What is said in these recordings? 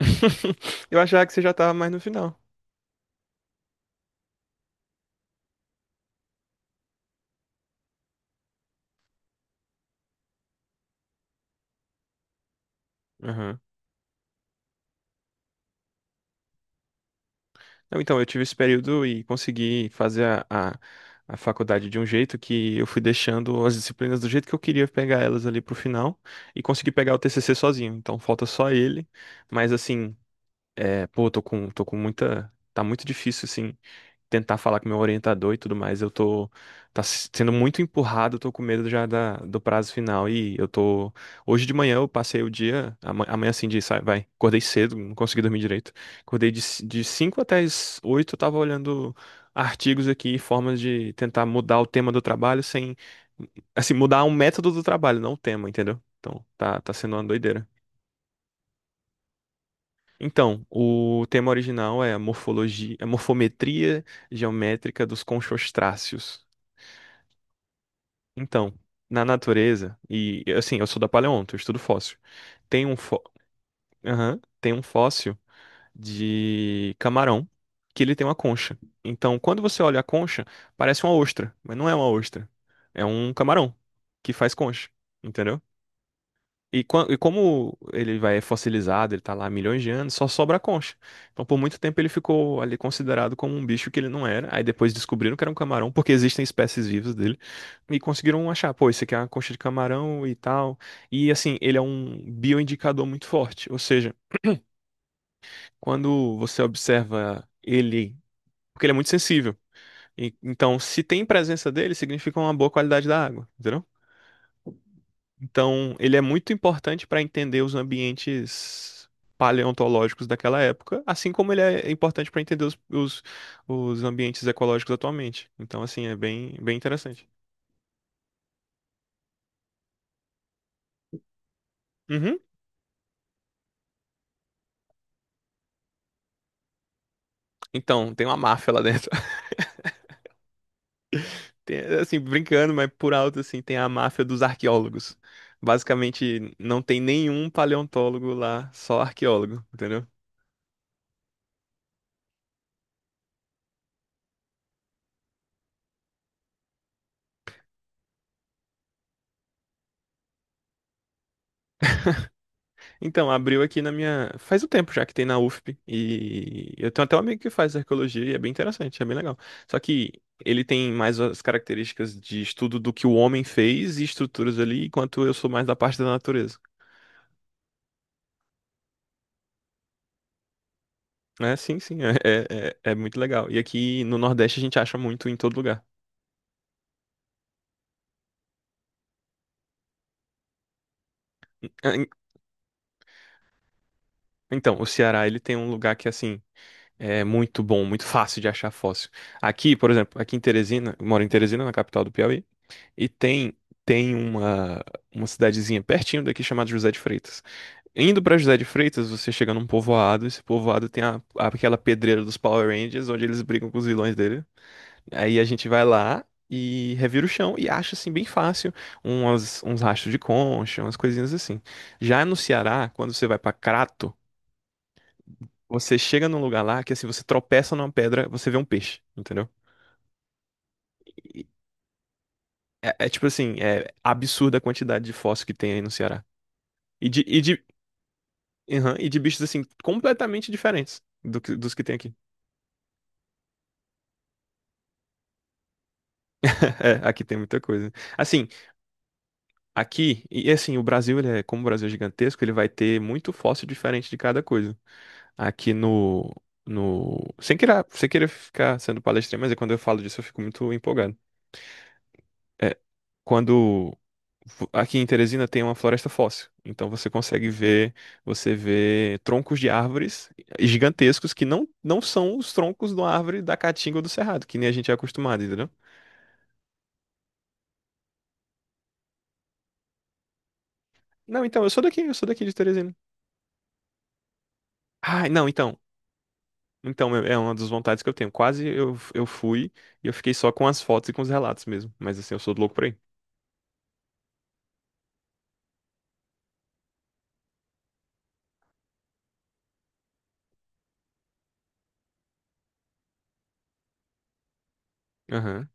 Eu achava que você já tava mais no final. Aham. Não, então, eu tive esse período e consegui fazer a faculdade de um jeito que eu fui deixando as disciplinas do jeito que eu queria pegar elas ali pro final e consegui pegar o TCC sozinho. Então, falta só ele. Mas, assim, é, pô, tô com muita. Tá muito difícil, assim. Tentar falar com meu orientador e tudo mais, eu tô sendo muito empurrado, eu tô com medo já da, do prazo final e eu tô hoje de manhã eu passei o dia, amanhã assim de sai, vai, acordei cedo, não consegui dormir direito. Acordei de 5 até as 8, eu tava olhando artigos aqui, formas de tentar mudar o tema do trabalho sem, assim, mudar um método do trabalho, não o tema, entendeu? Então, tá sendo uma doideira. Então, o tema original é a morfologia, a morfometria geométrica dos conchostráceos. Então, na natureza, e assim, eu sou da paleonto, eu estudo fóssil. Tem um. Aham. Tem um fóssil de camarão que ele tem uma concha. Então, quando você olha a concha, parece uma ostra, mas não é uma ostra. É um camarão que faz concha, entendeu? E, como ele vai é fossilizado, ele tá lá há milhões de anos, só sobra a concha. Então, por muito tempo, ele ficou ali considerado como um bicho que ele não era. Aí depois descobriram que era um camarão, porque existem espécies vivas dele. E conseguiram achar, pô, esse aqui é uma concha de camarão e tal. E assim, ele é um bioindicador muito forte. Ou seja, quando você observa ele, porque ele é muito sensível. Então, se tem presença dele, significa uma boa qualidade da água, entendeu? Então, ele é muito importante para entender os ambientes paleontológicos daquela época, assim como ele é importante para entender os ambientes ecológicos atualmente. Então, assim, é bem, bem interessante. Uhum. Então, tem uma máfia lá dentro. Tem, assim, brincando, mas por alto, assim, tem a máfia dos arqueólogos. Basicamente, não tem nenhum paleontólogo lá, só arqueólogo, entendeu? Então, abriu aqui na minha. Faz um tempo já que tem na UFP. E eu tenho até um amigo que faz arqueologia e é bem interessante, é bem legal. Só que ele tem mais as características de estudo do que o homem fez e estruturas ali, enquanto eu sou mais da parte da natureza. É, sim, sim, é muito legal. E aqui no Nordeste a gente acha muito em todo lugar. Ah. Então, o Ceará, ele tem um lugar que, assim, é muito bom, muito fácil de achar fóssil. Aqui, por exemplo, aqui em Teresina, eu moro em Teresina, na capital do Piauí. E tem uma cidadezinha pertinho daqui chamada José de Freitas. Indo pra José de Freitas, você chega num povoado. Esse povoado tem aquela pedreira dos Power Rangers onde eles brigam com os vilões dele. Aí a gente vai lá e revira o chão e acha assim bem fácil umas, uns rastros de concha, umas coisinhas assim. Já no Ceará, quando você vai pra Crato, você chega num lugar lá que assim você tropeça numa pedra, você vê um peixe, entendeu? E é, tipo assim, é absurda a quantidade de fóssil que tem aí no Ceará. E de, e de, Aham. E de bichos, assim, completamente diferentes dos que tem aqui. É, aqui tem muita coisa. Assim, aqui, e assim, o Brasil, como o Brasil é gigantesco, ele vai ter muito fóssil diferente de cada coisa. Aqui no, no, Sem querer ficar sendo palestrinha, mas é quando eu falo disso eu fico muito empolgado. É, quando aqui em Teresina tem uma floresta fóssil, então você consegue ver, você vê troncos de árvores gigantescos que não são os troncos de uma árvore da caatinga ou do cerrado, que nem a gente é acostumado, entendeu? Não, então, eu sou daqui de Teresina. Ah, não, então. Então, é uma das vontades que eu tenho. Quase eu fui e eu fiquei só com as fotos e com os relatos mesmo. Mas assim, eu sou louco por aí. Aham.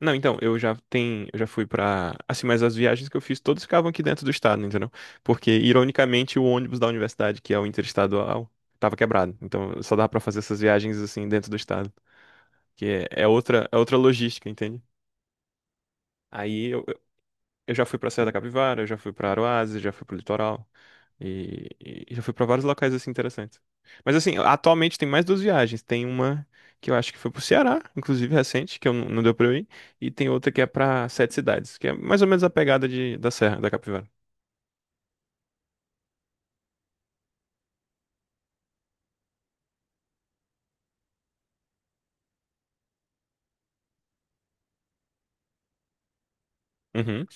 Não, então, eu já tenho, eu já fui pra. Assim, mas as viagens que eu fiz, todas ficavam aqui dentro do estado, entendeu? Porque, ironicamente, o ônibus da universidade, que é o interestadual, tava quebrado. Então, só dava pra fazer essas viagens assim dentro do estado. Que é outra logística, entende? Aí eu, Eu já fui pra Serra da Capivara, eu já fui pra Aroazes, já fui pro litoral. E já fui pra vários locais assim interessantes. Mas assim, atualmente tem mais duas viagens. Tem uma que eu acho que foi pro Ceará, inclusive recente, que eu não deu pra eu ir. E tem outra que é pra Sete Cidades, que é mais ou menos a pegada de, da Serra da Capivara. Uhum.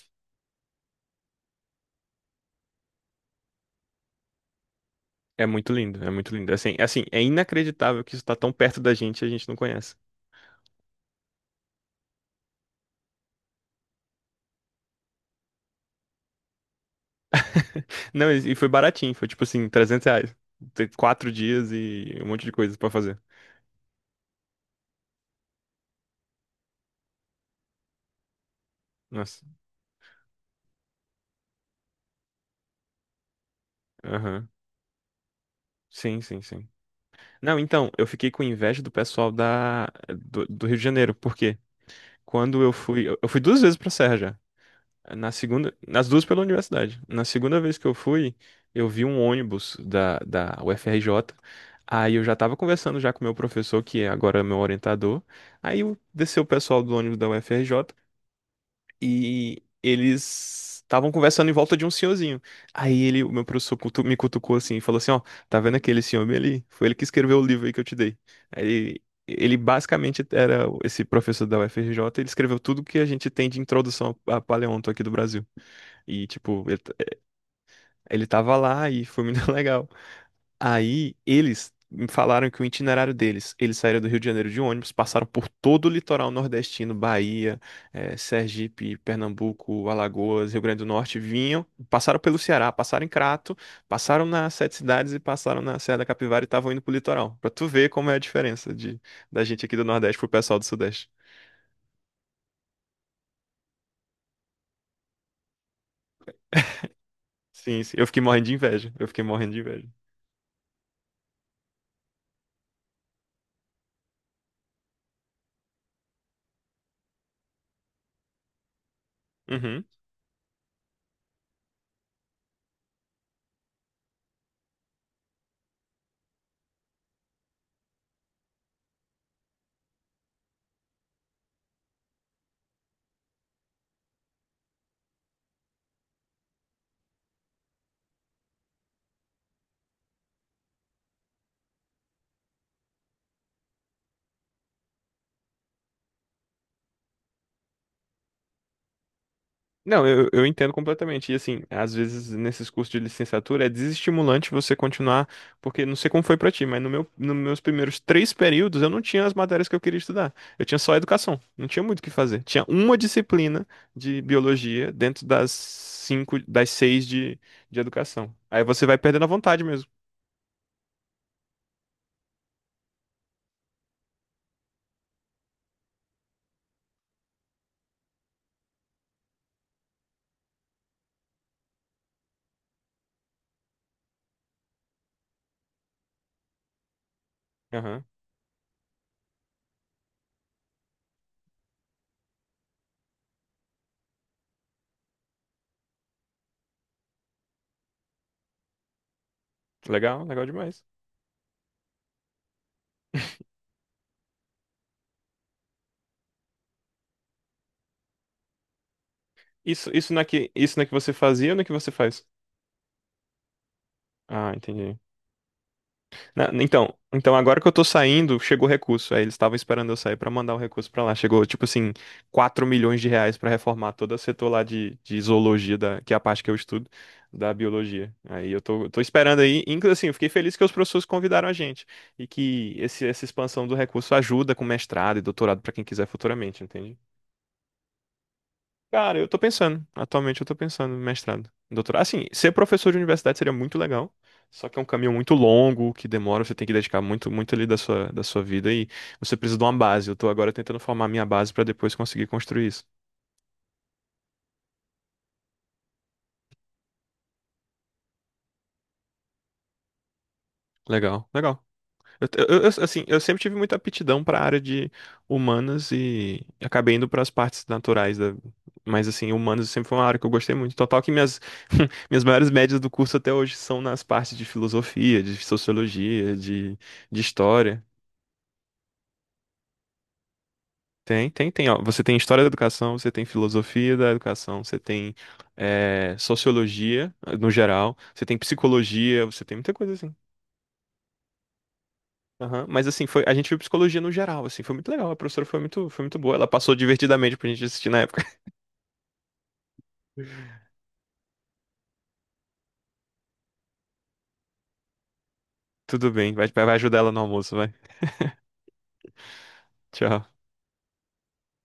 É muito lindo, é muito lindo. Assim, é inacreditável que isso tá tão perto da gente e a gente não conhece. Não, e foi baratinho, foi tipo assim, R$ 300. Tem 4 dias e um monte de coisa pra fazer. Nossa, aham. Sim, sim, sim. Não, então, eu fiquei com inveja do pessoal da, do Rio de Janeiro, porque quando eu fui, eu fui duas vezes pra Serra já. Na segunda, nas duas pela universidade. Na segunda vez que eu fui, eu vi um ônibus da, da UFRJ. Aí eu já tava conversando já com o meu professor, que é agora é meu orientador. Aí desceu o pessoal do ônibus da UFRJ e eles estavam conversando em volta de um senhorzinho. Aí ele, o meu professor me cutucou assim e falou assim: Ó, tá vendo aquele senhor bem ali? Foi ele que escreveu o livro aí que eu te dei. Aí ele basicamente era esse professor da UFRJ, ele escreveu tudo que a gente tem de introdução a paleonto aqui do Brasil. E, tipo, ele, ele tava lá e foi muito legal. Aí eles me falaram que o itinerário deles, eles saíram do Rio de Janeiro de ônibus, passaram por todo o litoral nordestino, Bahia, Sergipe, Pernambuco, Alagoas, Rio Grande do Norte, vinham, passaram pelo Ceará, passaram em Crato, passaram nas Sete Cidades e passaram na Serra da Capivara e estavam indo pro litoral. Pra tu ver como é a diferença de, da gente aqui do Nordeste pro pessoal do Sudeste. Sim, sim. Eu fiquei morrendo de inveja. Eu fiquei morrendo de inveja. Uhum. Não, eu entendo completamente. E assim, às vezes nesses cursos de licenciatura é desestimulante você continuar, porque não sei como foi pra ti, mas no meu, nos meus primeiros três períodos eu não tinha as matérias que eu queria estudar. Eu tinha só educação, não tinha muito o que fazer. Tinha uma disciplina de biologia dentro das cinco, das seis de educação. Aí você vai perdendo a vontade mesmo. Aham. Legal, legal demais. Isso na que você fazia ou na que você faz? Ah, entendi. Então agora que eu tô saindo, chegou o recurso. Aí eles estavam esperando eu sair pra mandar o recurso pra lá. Chegou, tipo assim, R$ 4 milhões pra reformar todo o setor lá de zoologia, que é a parte que eu estudo, da biologia. Aí eu tô esperando aí. Inclusive, assim, eu fiquei feliz que os professores convidaram a gente. E que esse, essa expansão do recurso ajuda com mestrado e doutorado pra quem quiser futuramente, entende? Cara, eu tô pensando. Atualmente eu tô pensando em mestrado, em doutorado. Assim, ser professor de universidade seria muito legal. Só que é um caminho muito longo, que demora, você tem que dedicar muito, muito ali da sua vida e você precisa de uma base. Eu tô agora tentando formar minha base pra depois conseguir construir isso. Legal, legal. Eu assim, eu sempre tive muita aptidão para a área de humanas e acabei indo para as partes naturais da... Mas assim, humanas sempre foi uma área que eu gostei muito. Total que minhas, minhas maiores médias do curso até hoje são nas partes de filosofia, de sociologia, de história. Tem, tem, tem. Ó. Você tem história da educação, você tem filosofia da educação, você tem sociologia, no geral, você tem psicologia, você tem muita coisa assim. Aham. Mas assim, foi, a gente viu psicologia no geral, assim, foi muito legal. A professora foi muito boa. Ela passou divertidamente pra gente assistir na época. Tudo bem, vai, vai ajudar ela no almoço, vai. Tchau.